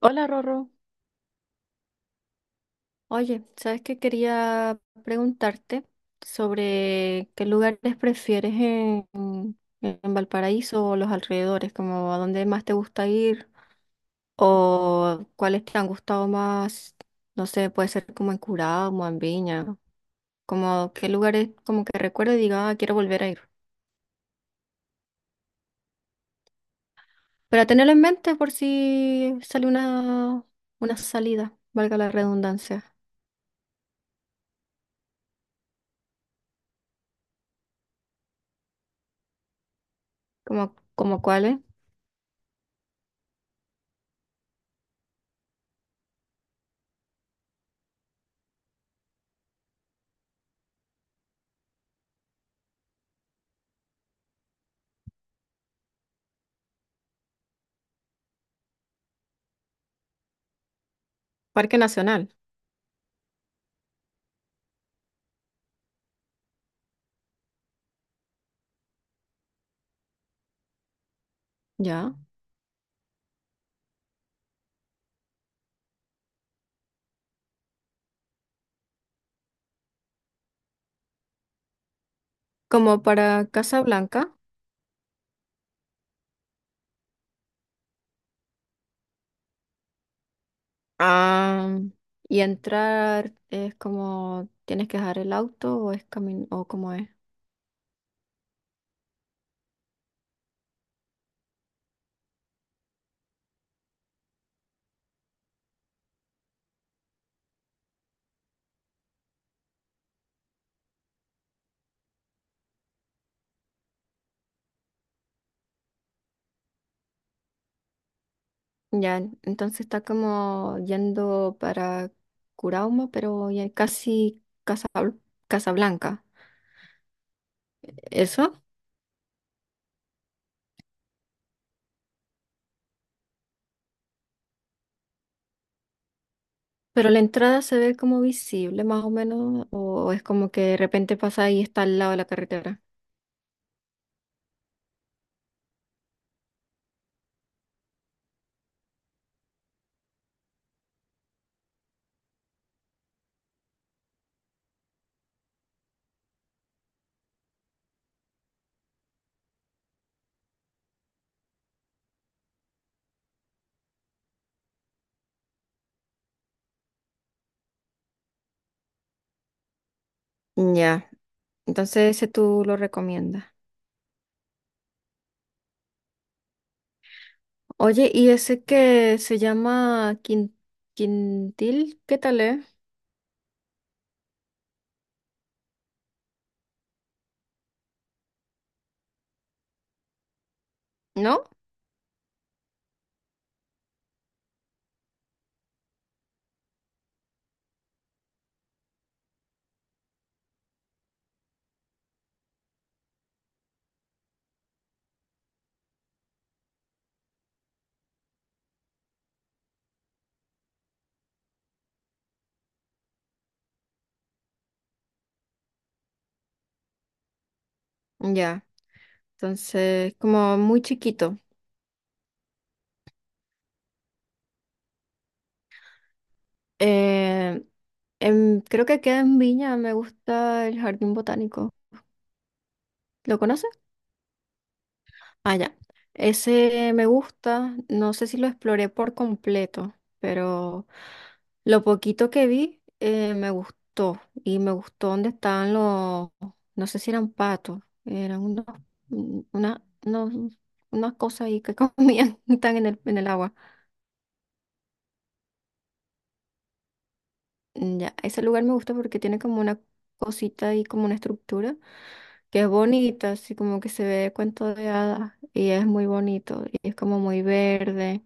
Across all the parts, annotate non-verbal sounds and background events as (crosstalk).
Hola, Rorro. Oye, ¿sabes qué quería preguntarte sobre qué lugares prefieres en Valparaíso o los alrededores? Como a dónde más te gusta ir o cuáles te han gustado más? No sé, puede ser como en Curado, como en Viña, como qué lugares como que recuerdo y diga, "Ah, quiero volver a ir. Pero tenerlo en mente por si sale una salida, valga la redundancia, como cuáles. Parque Nacional, ¿ya? Como para Casa Blanca. Ah, y entrar, ¿es como tienes que dejar el auto o es camino o cómo es? Ya, entonces está como yendo para Curauma, pero ya casi Casablanca. Eso. Pero la entrada, ¿se ve como visible más o menos o es como que de repente pasa y está al lado de la carretera? Ya, entonces ese tú lo recomiendas. Oye, ¿y ese que se llama Quintil, qué tal es? ¿No? Ya. Entonces, como muy chiquito. Eh, Creo que queda en Viña, me gusta el jardín botánico. ¿Lo conoces? Ah, ya. Ese me gusta, no sé si lo exploré por completo, pero lo poquito que vi, me gustó, y me gustó donde estaban los, no sé si eran patos, eran unos, un- una, unos- unas cosas ahí que (laughs) comían, están en el agua. Mm, ya, ese lugar me gusta porque tiene como una cosita y como una estructura que es bonita, así como que se ve cuento de hadas y es muy bonito y es como muy verde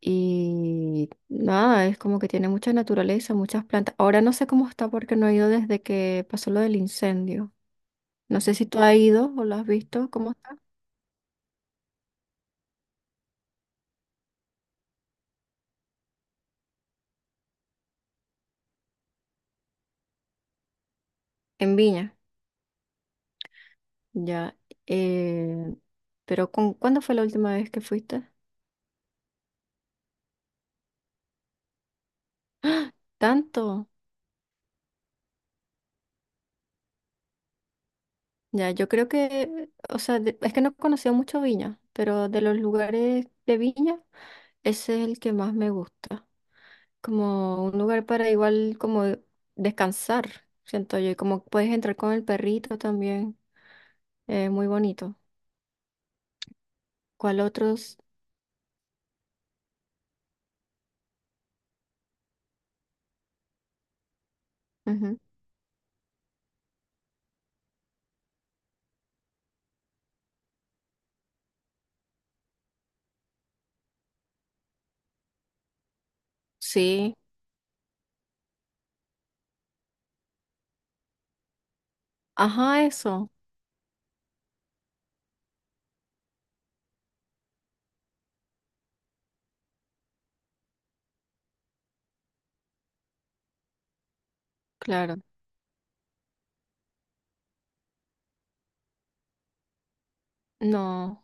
y nada, es como que tiene mucha naturaleza, muchas plantas. Ahora no sé cómo está porque no he ido desde que pasó lo del incendio. No sé si tú has ido o lo has visto, ¿cómo está? En Viña, ya. Eh, pero cuándo fue la última vez que fuiste? ¿Tanto? Ya, yo creo que, o sea, es que no he conocido mucho Viña, pero de los lugares de Viña, ese es el que más me gusta. Como un lugar para igual como descansar, siento yo, y como puedes entrar con el perrito también, es muy bonito. ¿Cuál otros? Ujú. Sí, ajá, eso, claro. No.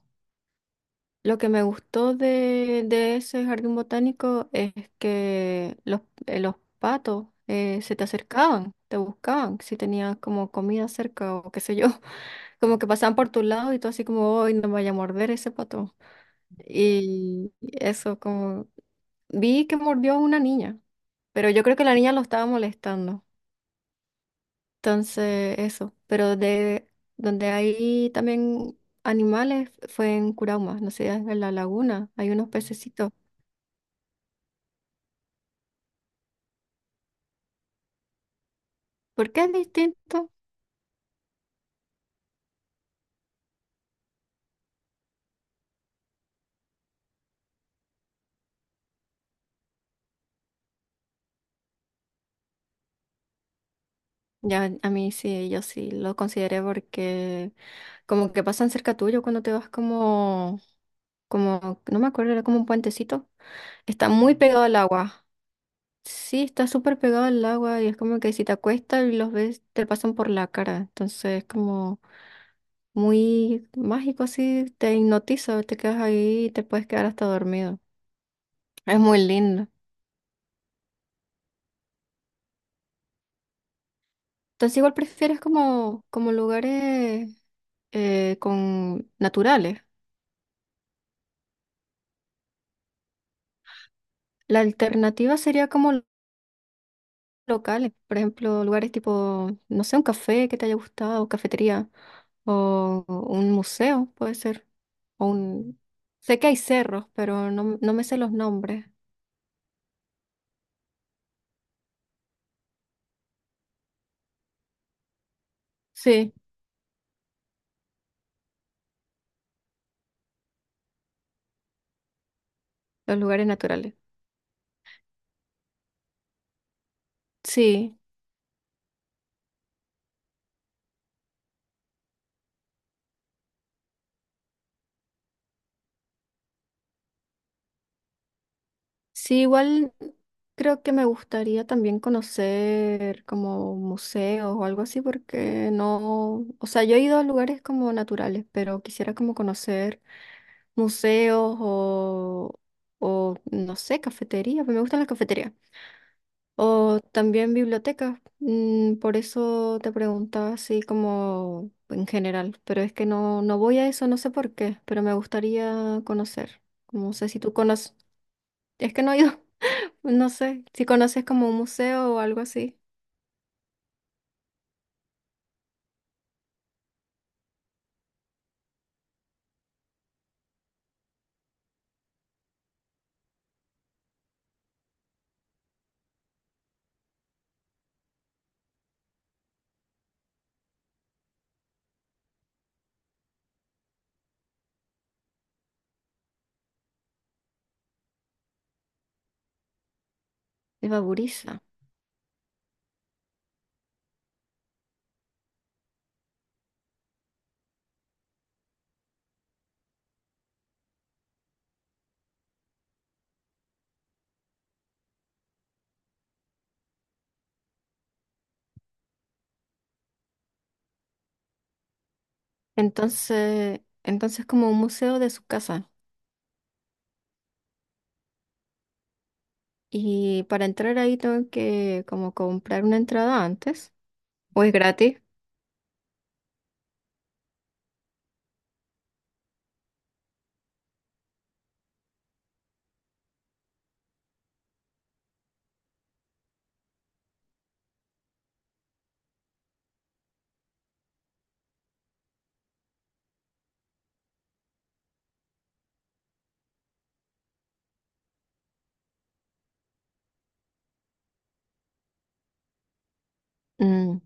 Lo que me gustó de ese jardín botánico es que los patos, se te acercaban, te buscaban, si tenías como comida cerca o qué sé yo, (laughs) como que pasaban por tu lado y tú así como, hoy no me vaya a morder ese pato. Y eso como, vi que mordió a una niña, pero yo creo que la niña lo estaba molestando. Entonces, eso, pero de donde hay también animales fue en Curauma, no sé, en la laguna hay unos pececitos. ¿Por qué es distinto? Ya, a mí sí, yo sí lo consideré porque como que pasan cerca tuyo cuando te vas no me acuerdo, era como un puentecito. Está muy pegado al agua. Sí, está súper pegado al agua y es como que si te acuestas y los ves, te pasan por la cara. Entonces es como muy mágico así, te hipnotiza, te quedas ahí y te puedes quedar hasta dormido. Es muy lindo. Entonces igual prefieres como lugares con naturales. La alternativa sería como locales, por ejemplo, lugares tipo, no sé, un café que te haya gustado, cafetería, o un museo, puede ser, o un... Sé que hay cerros, pero no, no me sé los nombres. Sí, los lugares naturales. Sí, sí, igual creo que me gustaría también conocer como museos o algo así, porque no, o sea, yo he ido a lugares como naturales, pero quisiera como conocer museos o, no sé, cafeterías, pues me gustan las cafeterías. O también bibliotecas. Mm, por eso te preguntaba así como en general, pero es que no, no voy a eso, no sé por qué, pero me gustaría conocer. No sé si tú conoces, es que no he ido, (laughs) no sé, si conoces como un museo o algo así de Baburiza. Entonces, como un museo de su casa. Y para entrar ahí, ¿tengo que como comprar una entrada antes? ¿O es gratis? Mm,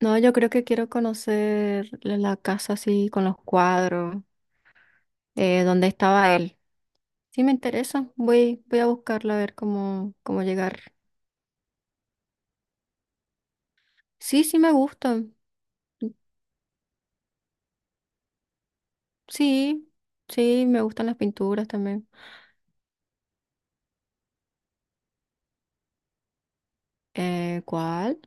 no, yo creo que quiero conocer la casa así con los cuadros, donde estaba él. Sí me interesa, voy, voy a buscarla a ver cómo, cómo llegar. Sí, sí me gustan. Sí, sí, me gustan las pinturas también. ¿Cuál?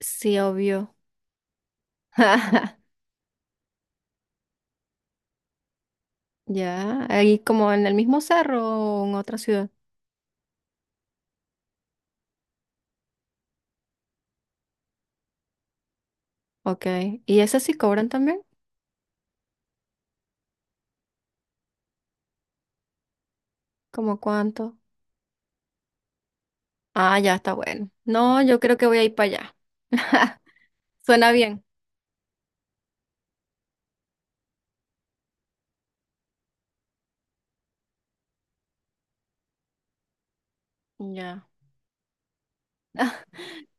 Sí, obvio. (laughs) Ya, ahí, ¿como en el mismo cerro o en otra ciudad? Ok. ¿Y esas sí cobran también? ¿Cómo cuánto? Ah, ya, está bueno. No, yo creo que voy a ir para allá. Suena bien. Ya,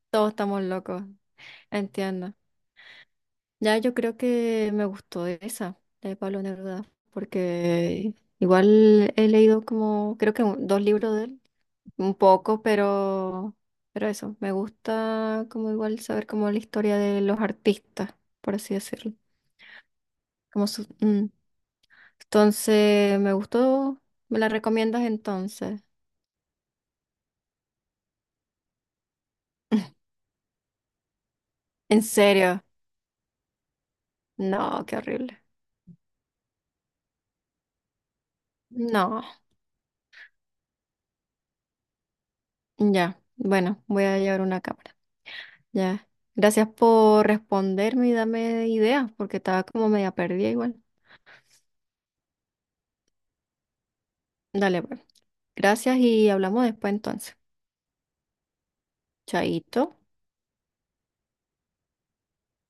todos estamos locos, entiendo. Ya, yo creo que me gustó esa de Pablo Neruda, porque igual he leído como, creo que dos libros de él, un poco, pero eso, me gusta como igual saber como la historia de los artistas, por así decirlo. Como mm. Entonces, me gustó, ¿me la recomiendas entonces? (laughs) ¿En serio? No, qué horrible. No, ya, bueno, voy a llevar una cámara. Ya. Gracias por responderme y darme ideas, porque estaba como media perdida igual. Dale, pues. Gracias y hablamos después entonces. Chaito.